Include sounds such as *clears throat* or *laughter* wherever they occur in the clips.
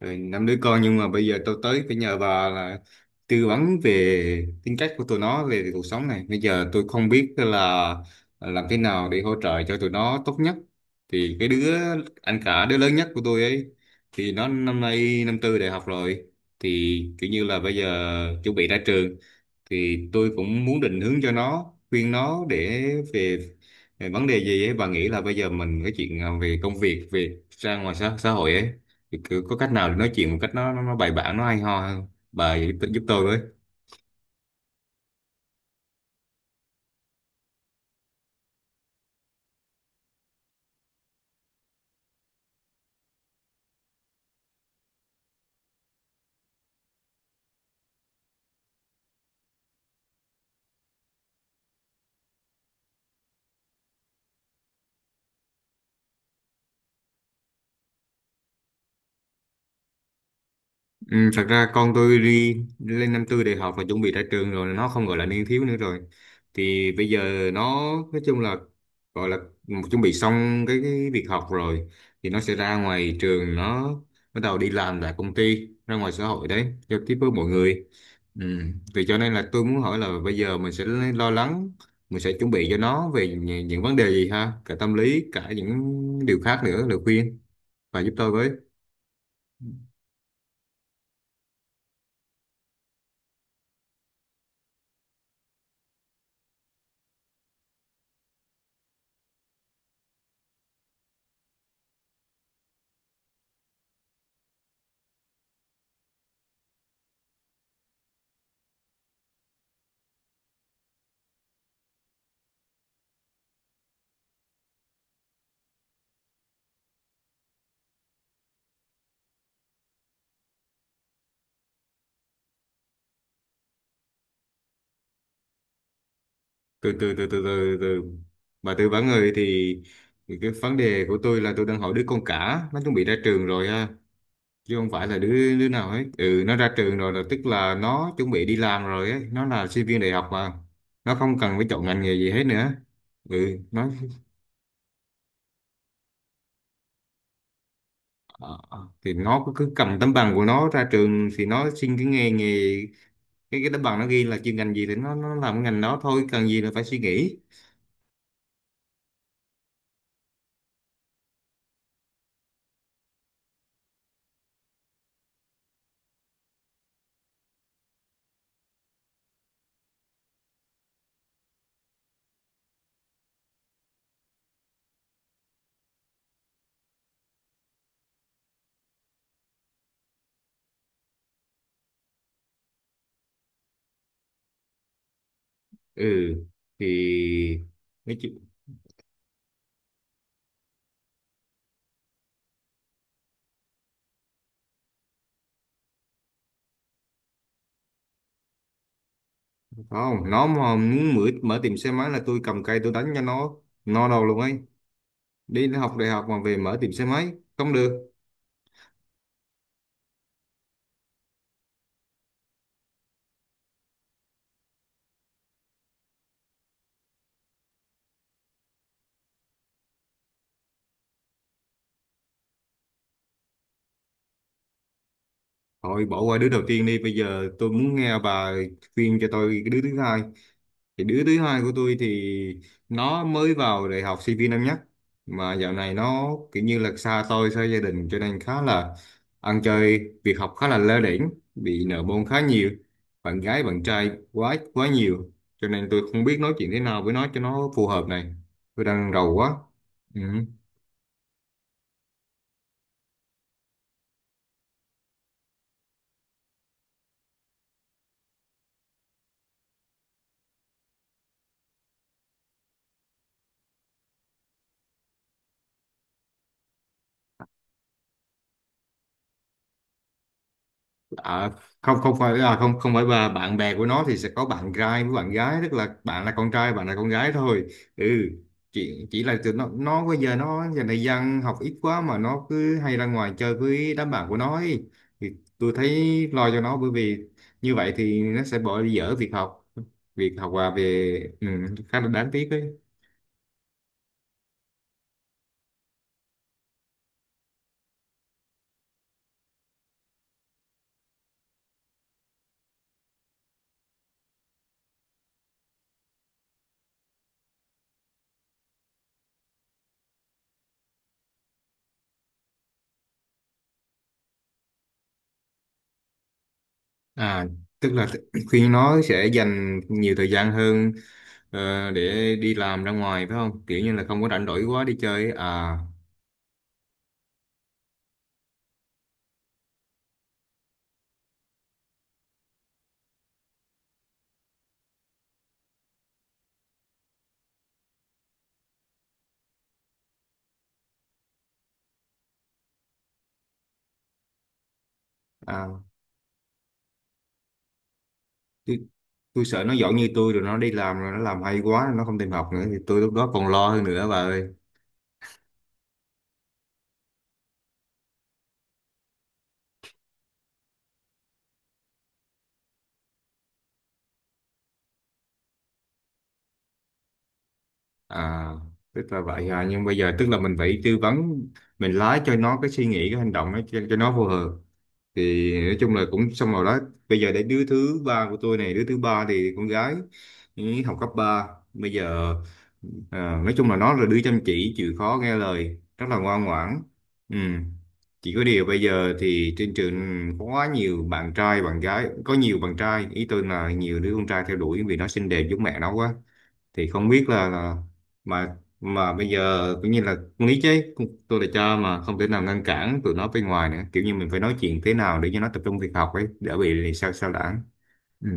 Rồi, năm đứa con nhưng mà bây giờ tôi tới phải nhờ bà là tư vấn về tính cách của tụi nó về cuộc sống này. Bây giờ tôi không biết là làm thế nào để hỗ trợ cho tụi nó tốt nhất. Thì cái đứa anh cả, đứa lớn nhất của tôi ấy, thì nó năm nay năm tư đại học rồi, thì kiểu như là bây giờ chuẩn bị ra trường, thì tôi cũng muốn định hướng cho nó, khuyên nó để về, về vấn đề gì ấy bà nghĩ là bây giờ mình cái chuyện về công việc, về ra ngoài xã hội ấy, thì cứ có cách nào để nói chuyện một cách nó bài bản, nó hay ho hơn. Bà giúp tôi với. Ừ, thật ra con tôi đi lên năm tư đại học và chuẩn bị ra trường rồi, nó không gọi là niên thiếu nữa rồi. Thì bây giờ nó, nói chung là, gọi là chuẩn bị xong cái việc học rồi, thì nó sẽ ra ngoài trường, nó bắt đầu đi làm tại công ty, ra ngoài xã hội đấy, giao tiếp với mọi người, ừ. Thì cho nên là tôi muốn hỏi là bây giờ mình sẽ lo lắng, mình sẽ chuẩn bị cho nó về những vấn đề gì, ha, cả tâm lý cả những điều khác nữa, lời khuyên, và giúp tôi với. Từ từ từ từ từ từ, bà tư vấn người thì cái vấn đề của tôi là tôi đang hỏi đứa con cả, nó chuẩn bị ra trường rồi ha, chứ không phải là đứa đứa nào hết. Ừ nó ra trường rồi là tức là nó chuẩn bị đi làm rồi ấy, nó là sinh viên đại học mà, nó không cần phải chọn ngành nghề gì hết nữa. Ừ nó ờ, thì nó cứ cứ cầm tấm bằng của nó ra trường, thì nó xin cái nghề nghề, cái tấm bằng nó ghi là chuyên ngành gì thì nó làm cái ngành đó thôi, cần gì là phải suy nghĩ. Ừ thì không, nó mà muốn mở mở tiệm xe máy là tôi cầm cây tôi đánh cho nó no đầu luôn ấy. Đi học đại học mà về mở tiệm xe máy không được. Thôi bỏ qua đứa đầu tiên đi, bây giờ tôi muốn nghe bà khuyên cho tôi cái đứa thứ hai. Thì đứa thứ hai của tôi thì nó mới vào đại học, sinh viên năm nhất, mà dạo này nó kiểu như là xa tôi, xa gia đình, cho nên khá là ăn chơi, việc học khá là lơ đễnh, bị nợ môn khá nhiều, bạn gái bạn trai quá quá nhiều, cho nên tôi không biết nói chuyện thế nào với nó cho nó phù hợp này. Tôi đang rầu quá, ừ. À, không không phải không không phải bà, bạn bè của nó thì sẽ có bạn trai với bạn gái, tức là bạn là con trai, bạn là con gái thôi. Ừ, chỉ là tụi nó bây giờ nó giờ này dân học ít quá mà nó cứ hay ra ngoài chơi với đám bạn của nó ấy. Thì tôi thấy lo cho nó, bởi vì như vậy thì nó sẽ bỏ dở việc học, việc học và về, ừ, khá là đáng tiếc ấy. À, tức là khi *clears throat* nó sẽ dành nhiều thời gian hơn, để đi làm ra ngoài phải không? Kiểu như là không có rảnh rỗi quá đi chơi ấy, à tôi, tôi sợ nó giỏi như tôi rồi nó đi làm rồi nó làm hay quá nó không tìm học nữa, thì tôi lúc đó còn lo hơn nữa bà ơi. À tức là vậy à, nhưng bây giờ tức là mình phải tư vấn, mình lái cho nó cái suy nghĩ, cái hành động nó cho nó phù hợp. Thì nói chung là cũng xong rồi đó. Bây giờ đến đứa thứ ba của tôi này, đứa thứ ba thì con gái, ý, học cấp ba. Bây giờ, à, nói chung là nó là đứa chăm chỉ, chịu khó, nghe lời, rất là ngoan ngoãn, ừ. Chỉ có điều bây giờ thì trên trường có quá nhiều bạn trai bạn gái, có nhiều bạn trai, ý tôi là nhiều đứa con trai theo đuổi vì nó xinh đẹp giống mẹ nó quá. Thì không biết là mà bây giờ cũng như là con lý chứ con- tôi là cho mà không thể nào ngăn cản tụi nó bên ngoài nữa, kiểu như mình phải nói chuyện thế nào để cho nó tập trung việc học ấy, đỡ bị sao sao lãng. Ừ.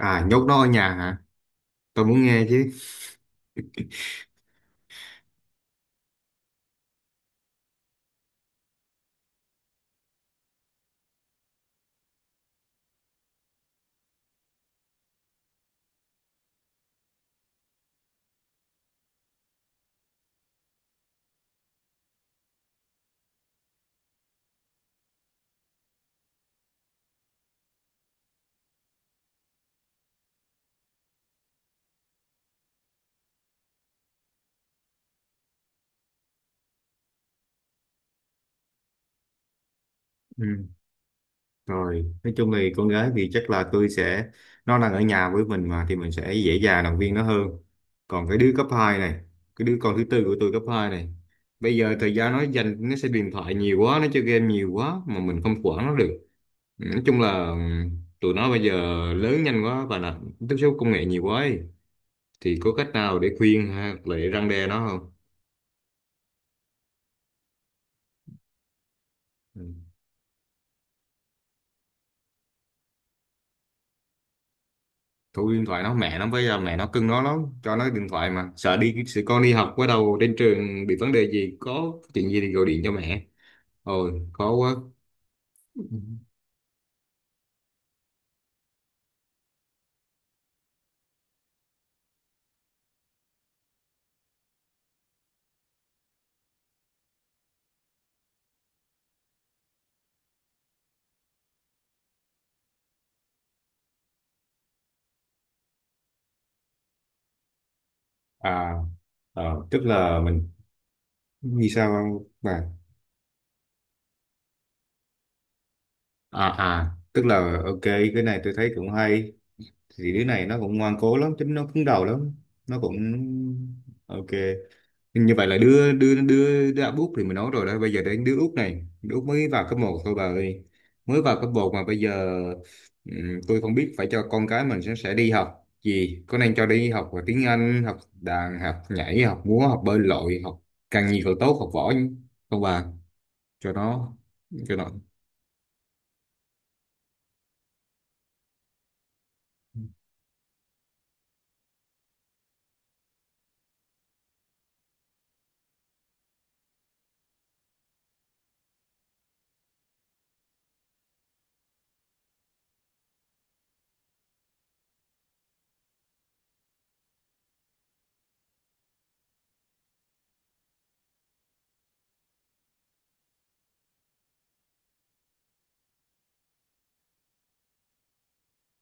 À, nhốt nó ở nhà hả? Tôi muốn nghe chứ. Ừ. Rồi, nói chung thì con gái thì chắc là tôi sẽ, nó đang ở nhà với mình mà, thì mình sẽ dễ dàng động viên nó hơn. Còn cái đứa cấp 2 này, cái đứa con thứ tư của tôi, cấp 2 này, bây giờ thời gian nó dành, nó sẽ điện thoại nhiều quá, nó chơi game nhiều quá mà mình không quản nó được. Nói chung là, ừ, tụi nó bây giờ lớn nhanh quá và là tiếp xúc công nghệ nhiều quá ấy. Thì có cách nào để khuyên ha, để răn đe nó không? Ừ. Thu điện thoại nó, mẹ nó bây giờ mẹ nó cưng nó lắm, cho nó điện thoại mà sợ đi, sợ con đi học, bắt đầu trên trường bị vấn đề gì, có chuyện gì thì gọi điện cho mẹ. Ôi khó quá. À. Tức là mình, vì sao không bà? Tức là ok, cái này tôi thấy cũng hay. Thì đứa này nó cũng ngoan cố lắm, tính nó cứng đầu lắm. Nó cũng ok. Nhưng như vậy là đưa đưa đưa đứa Úc thì mình nói rồi đó, bây giờ đến đứa Úc này, đứa Úc mới vào cấp 1 thôi bà ơi. Mới vào cấp 1 mà bây giờ, tôi không biết phải cho con cái mình sẽ đi học gì, có nên cho đi học về tiếng Anh, học đàn, học nhảy, học múa, học bơi lội, học càng nhiều càng tốt, học võ không bà? Cho nó cho nó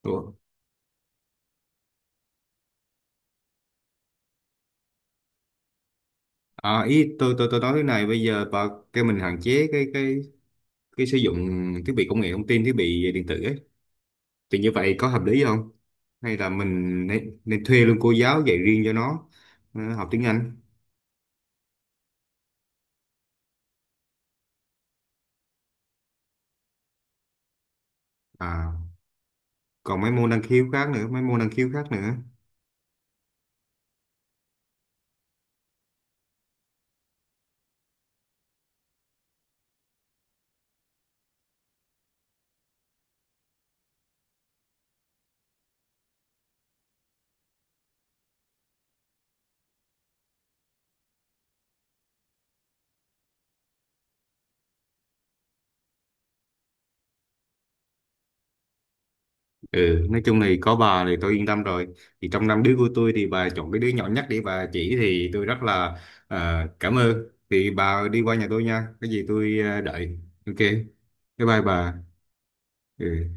tôi À, ý tôi nói thế này, bây giờ bà kêu mình hạn chế cái sử dụng thiết bị công nghệ thông tin, thiết bị điện tử ấy. Thì như vậy có hợp lý không? Hay là mình nên thuê luôn cô giáo dạy riêng cho nó, học tiếng Anh? À, còn mấy môn năng khiếu khác nữa, mấy môn năng khiếu khác nữa. Ừ, nói chung thì có bà thì tôi yên tâm rồi. Thì trong năm đứa của tôi thì bà chọn cái đứa nhỏ nhất để bà chỉ, thì tôi rất là, cảm ơn. Thì bà đi qua nhà tôi nha, cái gì tôi, đợi. Ok, bye. Bye bà. Ừ.